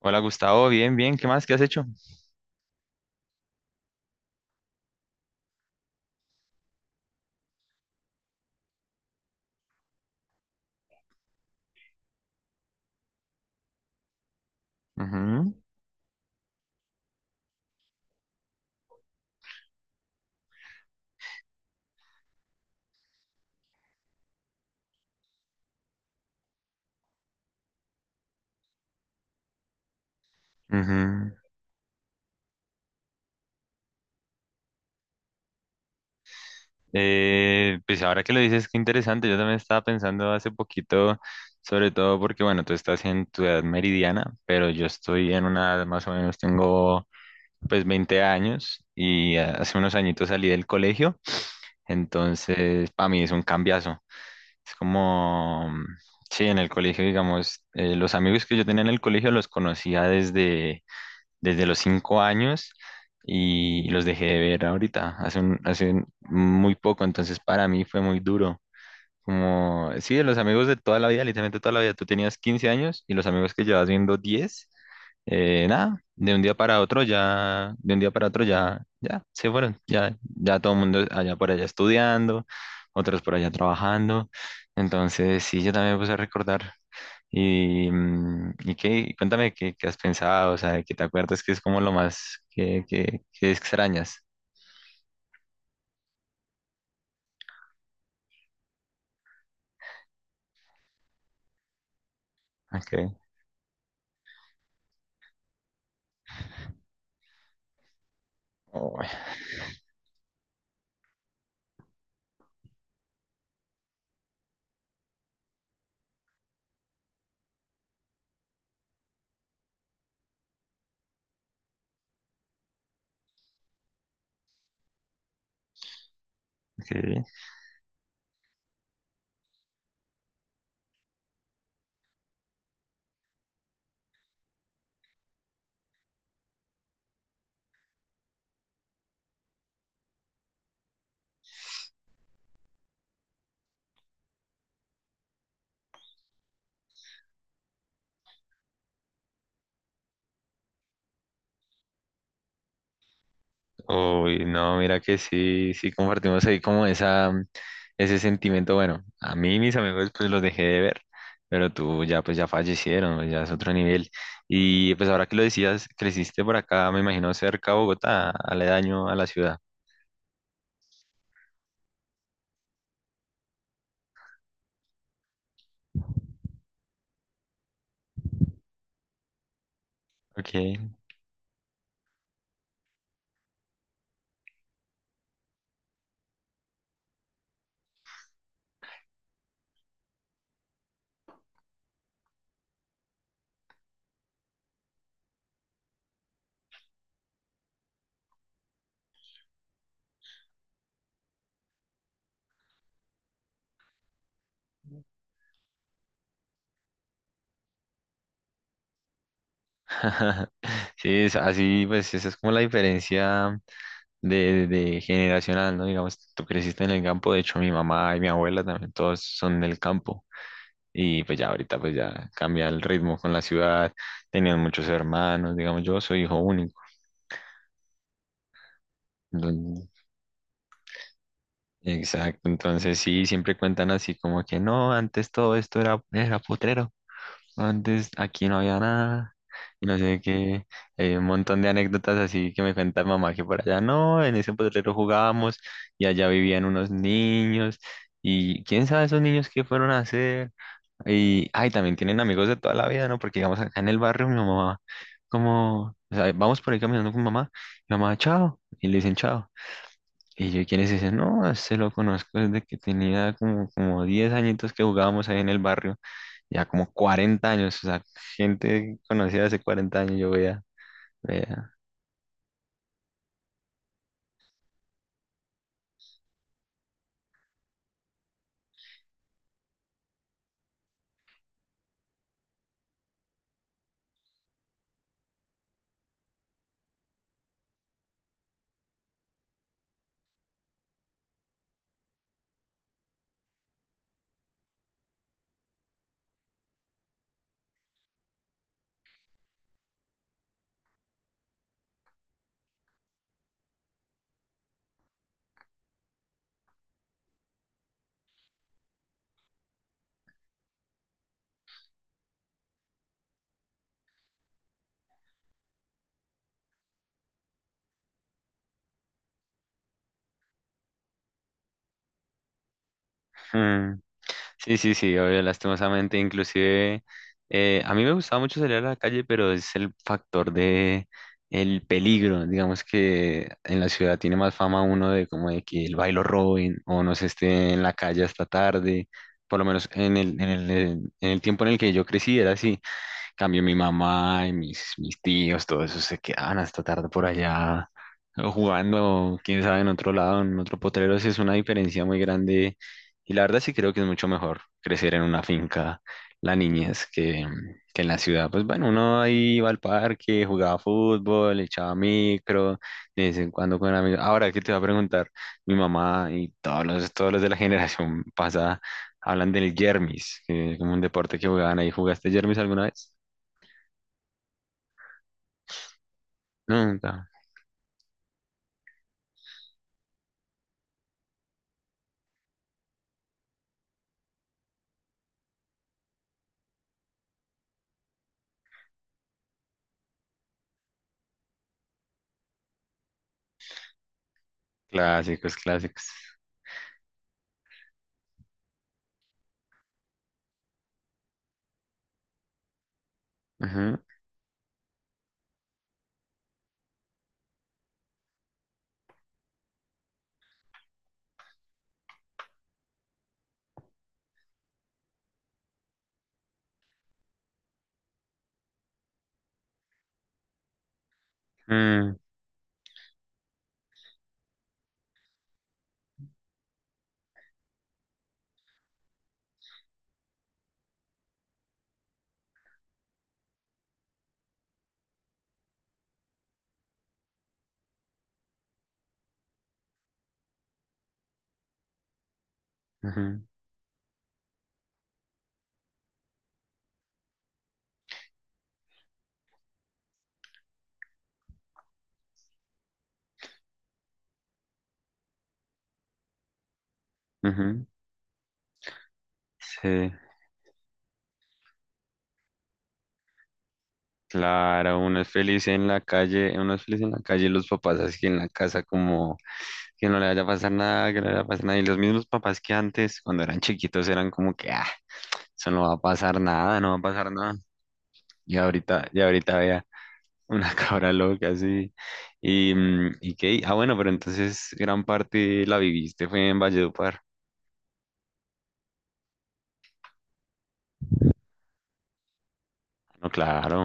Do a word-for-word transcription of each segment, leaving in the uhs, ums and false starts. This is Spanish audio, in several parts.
Hola Gustavo, bien, bien, ¿qué más? ¿Qué has hecho? Ujú, ujú. Eh, pues ahora que lo dices, qué interesante. Yo también estaba pensando hace poquito, sobre todo porque, bueno, tú estás en tu edad meridiana, pero yo estoy en una edad más o menos, tengo pues veinte años y hace unos añitos salí del colegio, entonces para mí es un cambiazo. Es como, sí, en el colegio, digamos, eh, los amigos que yo tenía en el colegio los conocía desde desde los cinco años y los dejé de ver ahorita, hace, un- hace un- muy poco, entonces para mí fue muy duro. Como, sí, de los amigos de toda la vida, literalmente toda la vida, tú tenías quince años y los amigos que llevas viendo diez, eh, nada, de un día para otro ya, de un día para otro ya, ya, se fueron, ya, ya todo el mundo allá por allá estudiando, otros por allá trabajando, entonces sí, yo también me puse a recordar y, mm, y qué, cuéntame qué, qué has pensado, o sea, que te acuerdas que es como lo más que, que, que extrañas. Okay. Uy, ok. Uy, no, mira que sí, sí compartimos ahí como esa, ese sentimiento. Bueno, a mí mis amigos pues los dejé de ver, pero tú ya pues ya fallecieron, pues, ya es otro nivel. Y pues ahora que lo decías, creciste por acá, me imagino cerca a Bogotá, aledaño a la ciudad. Okay. Sí, es así, pues esa es como la diferencia de, de generacional, ¿no? Digamos, tú creciste en el campo, de hecho mi mamá y mi abuela también, todos son del campo. Y pues ya ahorita pues ya cambia el ritmo con la ciudad, tenían muchos hermanos, digamos, yo soy hijo único. Entonces, exacto, entonces sí, siempre cuentan así como que no, antes todo esto era, era potrero. Antes aquí no había nada. Y no sé qué, eh, un montón de anécdotas así que me cuenta mamá, que por allá no, en ese potrero jugábamos y allá vivían unos niños y quién sabe esos niños qué fueron a hacer. Y, ay, también tienen amigos de toda la vida, ¿no? Porque digamos acá en el barrio mi mamá, como, o sea, vamos por ahí caminando con mamá, y mamá, chao, y le dicen chao. Y yo, ¿y quiénes dicen? No, se lo conozco desde que tenía como, como diez añitos, que jugábamos ahí en el barrio ya como cuarenta años, o sea, gente conocida hace cuarenta años, yo veía, veía. Mm. Sí, sí, sí, obvio, lastimosamente, inclusive, eh, a mí me gustaba mucho salir a la calle, pero es el factor de el peligro, digamos que en la ciudad tiene más fama uno de como de que el bailo Robin o no se esté en la calle hasta tarde, por lo menos en el, en el, en el tiempo en el que yo crecí era así. Cambio mi mamá y mis, mis tíos, todo eso se quedaban hasta tarde por allá o jugando, quién sabe, en otro lado, en otro potrero. Sí, es una diferencia muy grande y la verdad sí creo que es mucho mejor crecer en una finca la niñez que, que en la ciudad. Pues bueno, uno ahí iba al parque, jugaba fútbol, echaba micro, de vez en cuando con amigos. Ahora, ¿qué te va a preguntar? Mi mamá y todos los, todos los de la generación pasada hablan del yermis, que es como un deporte que jugaban ahí. ¿Jugaste yermis alguna vez? Nunca. Clásicos, clásicos. Ajá, mm, ajá, ajá. Sí, claro, uno es feliz en la calle, uno es feliz en la calle y los papás así en la casa como que no le vaya a pasar nada, que no le vaya a pasar nada. Y los mismos papás que antes, cuando eran chiquitos, eran como que, ah, eso no va a pasar nada, no va a pasar nada. Y ahorita, y ahorita vea una cabra loca así. Y, mm, y qué, ah, bueno, pero entonces gran parte la viviste fue en Valledupar. No, claro.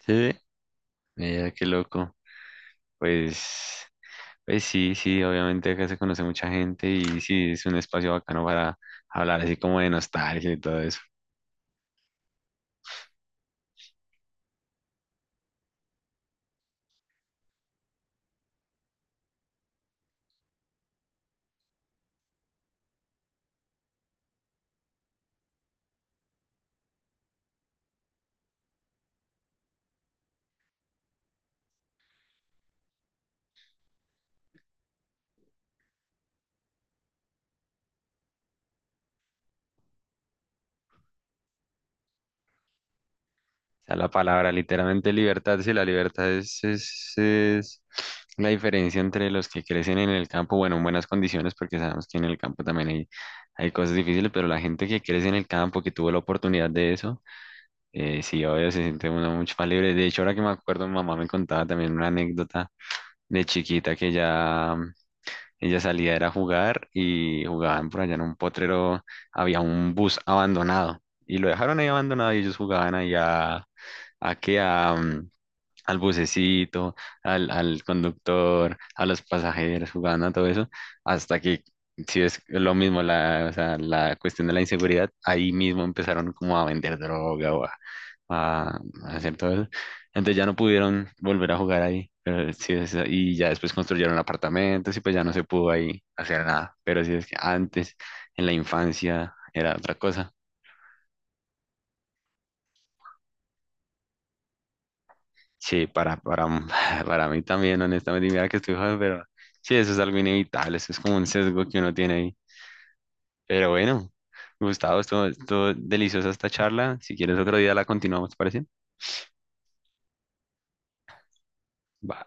Sí, mira, qué loco. Pues, pues sí, sí, obviamente acá se conoce mucha gente y sí, es un espacio bacano para hablar así como de nostalgia y todo eso. O sea, la palabra literalmente libertad, sí, la libertad es, es, es la diferencia entre los que crecen en el campo, bueno, en buenas condiciones porque sabemos que en el campo también hay, hay cosas difíciles, pero la gente que crece en el campo, que tuvo la oportunidad de eso, eh, sí, obvio, se siente uno mucho más libre. De hecho, ahora que me acuerdo, mi mamá me contaba también una anécdota de chiquita, que ya ella salía era a jugar y jugaban por allá en un potrero, había un bus abandonado y lo dejaron ahí abandonado y ellos jugaban allá a que a, mm, al bucecito, al, al conductor, a los pasajeros, jugando a todo eso, hasta que, si es lo mismo, la, o sea, la cuestión de la inseguridad, ahí mismo empezaron como a vender droga o a, a- hacer todo eso. Entonces ya no pudieron volver a jugar ahí, pero sí es- y ya después construyeron apartamentos y pues ya no se pudo ahí hacer nada, pero sí es que antes, en la infancia, era otra cosa. Sí, para, para, para mí también, honestamente, y mira que estoy joven, pero sí, eso es algo inevitable, eso es como un sesgo que uno tiene ahí. Pero bueno, Gustavo, estuvo, estuvo deliciosa esta charla. Si quieres otro día la continuamos, ¿te parece? Va.